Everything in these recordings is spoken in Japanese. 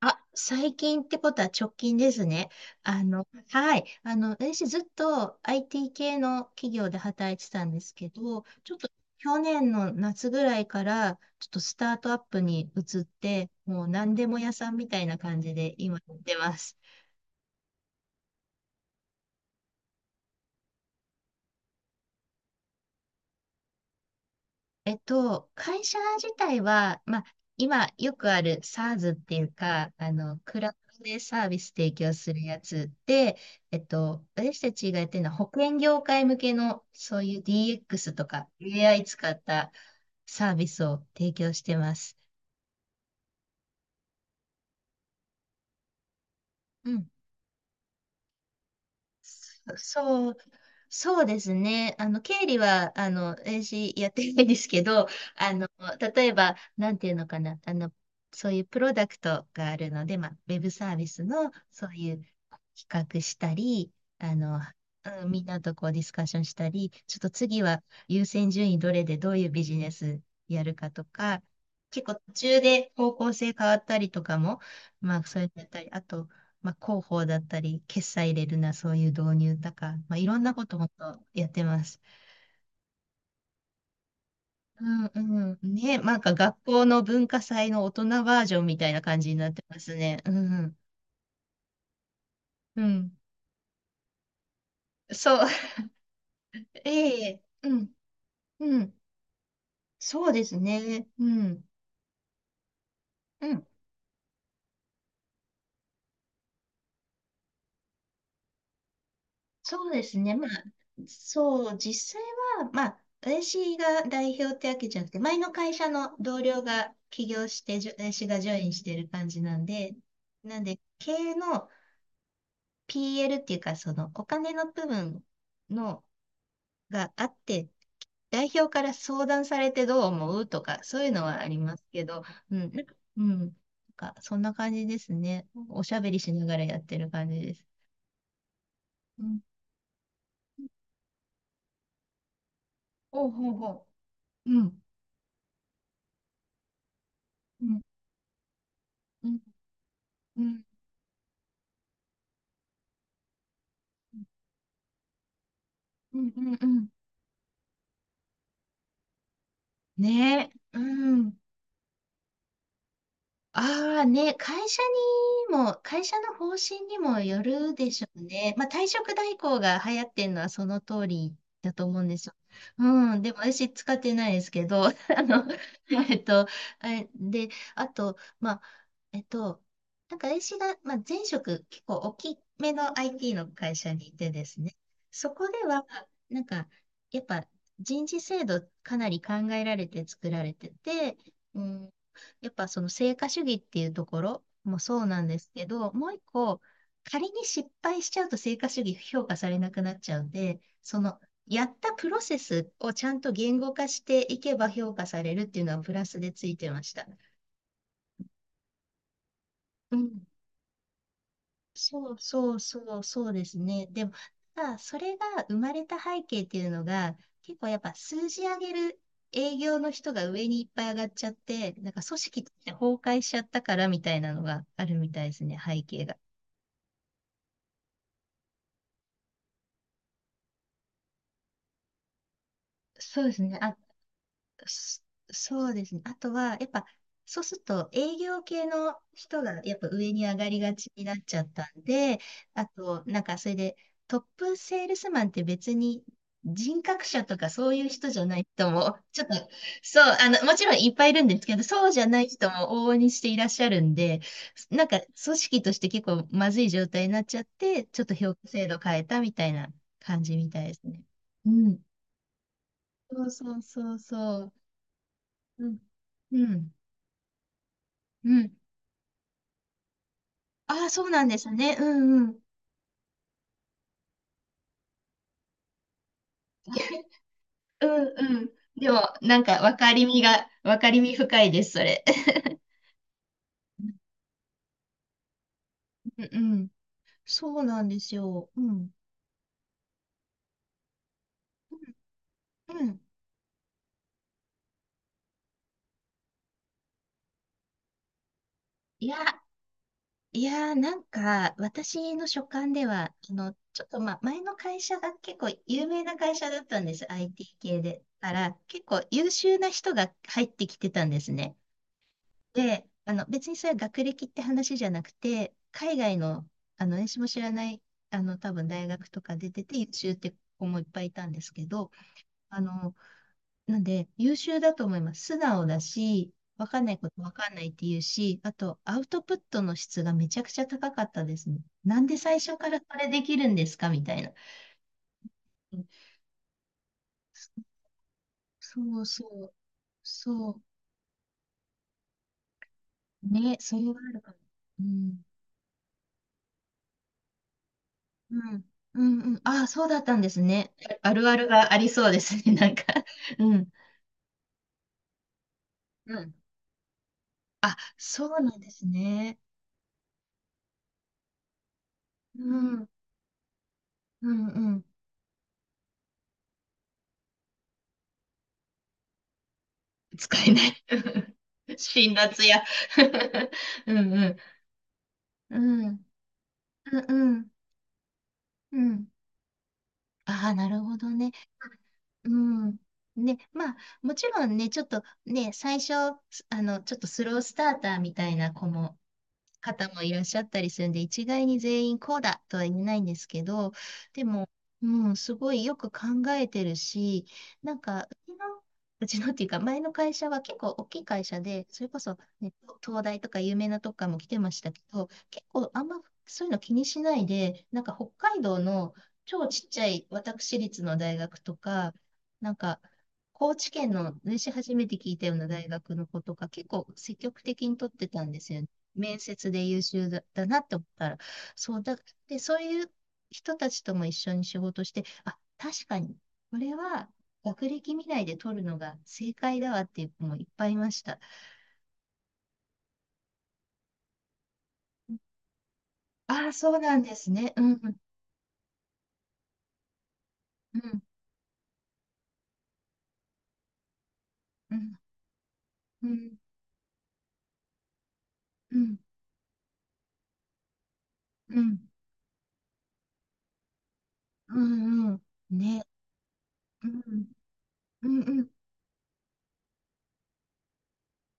最近ってことは直近ですね。私ずっと IT 系の企業で働いてたんですけど、ちょっと去年の夏ぐらいから、ちょっとスタートアップに移って、もう何でも屋さんみたいな感じで今やってます。会社自体は、今よくある SaaS っていうか、クラウドでサービス提供するやつで、私たちがやってるのは保険業界向けのそういう DX とか AI 使ったサービスを提供してます。うん。そう、そうですね。経理は、私やってないですけど、あの、例えば、なんていうのかな、そういうプロダクトがあるので、ウェブサービスの、そういう企画したり、あの、うん、みんなとこうディスカッションしたり、ちょっと次は優先順位どれでどういうビジネスやるかとか、結構途中で方向性変わったりとかも、そういうのやったり、あと、広報だったり、決済入れるな、そういう導入とか、いろんなこともっとやってます。うんうん。ね、なんか学校の文化祭の大人バージョンみたいな感じになってますね。うんうん。うん。そう。ええ。うん。うん。そうですね。うん。うん。そうですね。そう、実際は、私が代表ってわけじゃなくて、前の会社の同僚が起業して、私がジョインしてる感じなんで、なんで、経営の PL っていうか、そのお金の部分のがあって、代表から相談されてどう思うとか、そういうのはありますけど、なんかそんな感じですね。おしゃべりしながらやってる感じです。うん、ほうほうほう、うん、うん、うん、うん、うん、うん、うんねえ、うん。ああね、会社の方針にもよるでしょうね。まあ、退職代行が流行ってるのはその通りだと思うんですよ。うん、でも私使ってないですけど、の、えっと、あれで、あと、えっと、なんか私が、前職結構大きめの IT の会社にいてですね、そこでは、なんか、やっぱ人事制度かなり考えられて作られてて、うん、やっぱその成果主義っていうところもそうなんですけど、もう一個、仮に失敗しちゃうと成果主義評価されなくなっちゃうんで、そのやったプロセスをちゃんと言語化していけば評価されるっていうのはプラスでついてました。うん。そうですね。でも、ただそれが生まれた背景っていうのが、結構やっぱ数字上げる営業の人が上にいっぱい上がっちゃって、なんか組織って崩壊しちゃったからみたいなのがあるみたいですね、背景が。そうですね。そそうですね。あとは、やっぱ、そうすると営業系の人がやっぱ上に上がりがちになっちゃったんで、あと、なんかそれでトップセールスマンって別に人格者とかそういう人じゃない人も、ちょっと、もちろんいっぱいいるんですけど、そうじゃない人も往々にしていらっしゃるんで、なんか組織として結構まずい状態になっちゃって、ちょっと評価制度変えたみたいな感じみたいですね。うん。そうそうそうそう。うん。うん。うん。ああ、そうなんですね。うんうん。うんうん。でも、分かりみ深いです、それ。うんうん。そうなんですよ。うん。うん。いや、いや、私の所感では、あの、ちょっと、ま、前の会社が結構有名な会社だったんです、IT 系で。から、結構優秀な人が入ってきてたんですね。で、別にそれは学歴って話じゃなくて、海外の、私も知らない、多分大学とか出てて優秀って子もいっぱいいたんですけど、あの、なんで、優秀だと思います。素直だし、わかんないことわかんないって言うし、あと、アウトプットの質がめちゃくちゃ高かったですね。なんで最初からこれできるんですかみたいな。うん。そそうそう。そう。ね、それはあるかも。うん。うん。うんうん。ああ、そうだったんですね。あるあるがありそうですね。なんか。うん。うん。あ、そうなんですね。うん。うんうん。使えない。辛辣や。うんうん。うん。うんうん。うん。ああ、なるほどね。うん。ね、まあ、もちろんね、ちょっとね、最初、ちょっとスロースターターみたいな方もいらっしゃったりするんで、一概に全員こうだとは言えないんですけど、でも、うん、すごいよく考えてるし、なんか、うちの、うちのっていうか、前の会社は結構大きい会社で、それこそ、ね、東大とか有名なとこからも来てましたけど、結構あんまそういうの気にしないで、なんか北海道の超ちっちゃい私立の大学とか、なんか、高知県のね、私初めて聞いたような大学の子とか、結構積極的に取ってたんですよね。面接で優秀だ、だなって思ったら、そうだ、で、そういう人たちとも一緒に仕事して、あ、確かに、これは学歴見ないで取るのが正解だわっていう子もいっぱいいました。ああ、そうなんですね。うん、うん、うん、うん、うん、うん、うん、うんね、うん、ねうん、うん、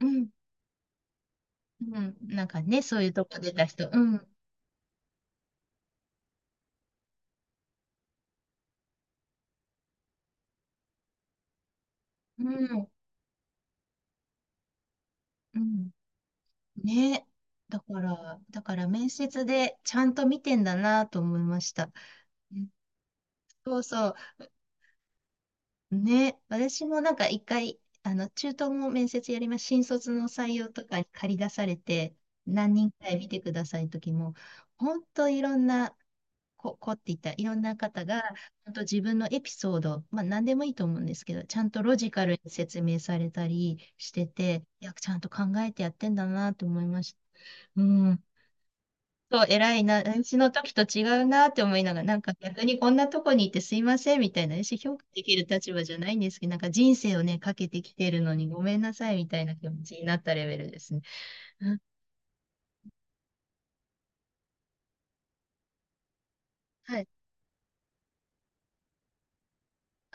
うん、うん、なんかね、そういうとこ出た人、うん、うん、うん。ね。だから面接でちゃんと見てんだなと思いました。うん。そうそう。ね。私もなんか一回、中東も面接やります。新卒の採用とかに借り出されて、何人かい見てください時も、本当いろんな、こっていったいろんな方が、本当自分のエピソード、まあ何でもいいと思うんですけど、ちゃんとロジカルに説明されたりしてて、いや、ちゃんと考えてやってんだなと思いました。うん。そう、偉いな、私の時と違うなって思いながら、なんか逆にこんなとこにいてすいませんみたいな、意思評価できる立場じゃないんですけど、なんか人生をね、かけてきてるのにごめんなさいみたいな気持ちになったレベルですね。うん。はい。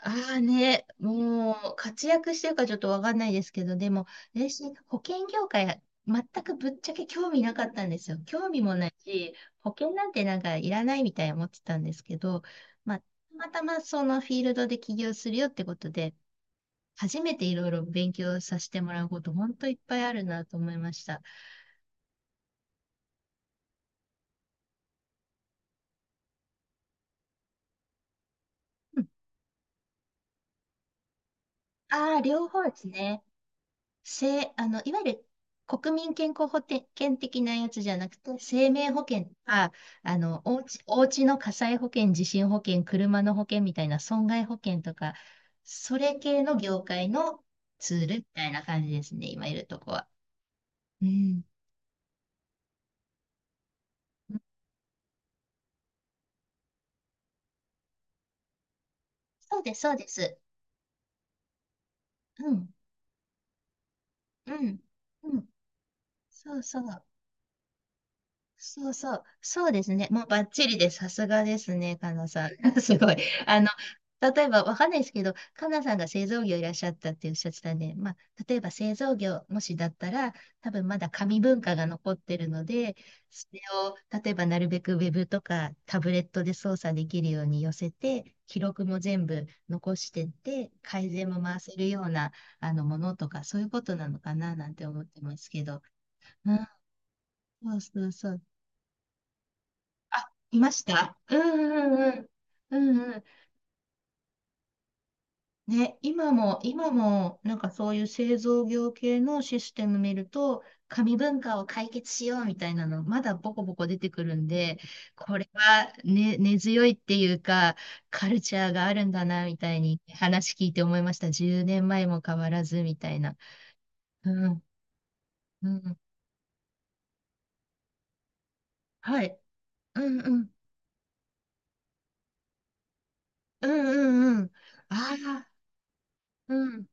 ああね、もう活躍してるかちょっとわかんないですけど、でも、私、保険業界、全くぶっちゃけ興味なかったんですよ。興味もないし、保険なんてなんかいらないみたいに思ってたんですけど、たまたまそのフィールドで起業するよってことで、初めていろいろ勉強させてもらうこと、本当いっぱいあるなと思いました。うん。ああ、両方ですね。せ、あの、いわゆる国民健康保険的なやつじゃなくて、生命保険とか、おうちの火災保険、地震保険、車の保険みたいな損害保険とか、それ系の業界のツールみたいな感じですね、今いるとこは。うん。そうです、そうです。うん、うん、うん。そうそう。そうそう、そうですね。もうバッチリです。さすがですね、かなさん。すごい。あの、例えば、わかんないですけど、かなさんが製造業いらっしゃったっておっしゃってたんで、まあ、例えば製造業、もしだったら、多分まだ紙文化が残ってるので、それを、例えばなるべくウェブとかタブレットで操作できるように寄せて、記録も全部残してって、改善も回せるようなものとか、そういうことなのかななんて思ってますけど。うん。そうそうそう。あ、いました。うんうんうん。うんうん。ね、今も、なんかそういう製造業系のシステム見ると、紙文化を解決しようみたいなの、まだボコボコ出てくるんで、これは、ね、根強いっていうか、カルチャーがあるんだな、みたいに話聞いて思いました。10年前も変わらず、みたいな。うん、うん。はい。うんうん。うんうんうん。ああ、うん。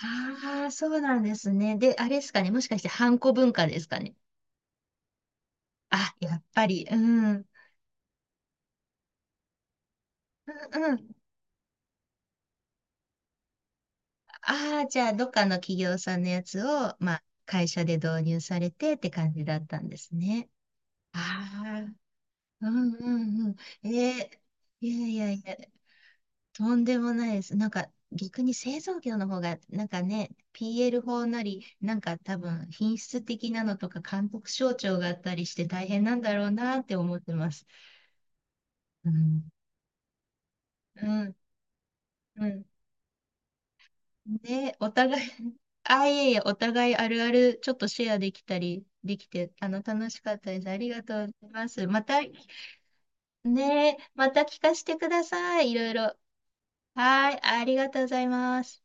ああ、そうなんですね。で、あれですかね。もしかして、ハンコ文化ですかね。あ、やっぱり、うん。うんうん。ああ、じゃあ、どっかの企業さんのやつを、まあ、会社で導入されてって感じだったんですね。ああ、うんうんうん。えー、いやいやいや、とんでもないです。逆に製造業の方が、なんかね、PL 法なり、なんか多分、品質的なのとか、監督省庁があったりして大変なんだろうなって思ってます。うんうん、うん。ね、お互い あ、いえいえ、お互いあるある、ちょっとシェアできたり、できて、楽しかったです。ありがとうございます。また、ね、また聞かせてください。いろいろ。はい、ありがとうございます。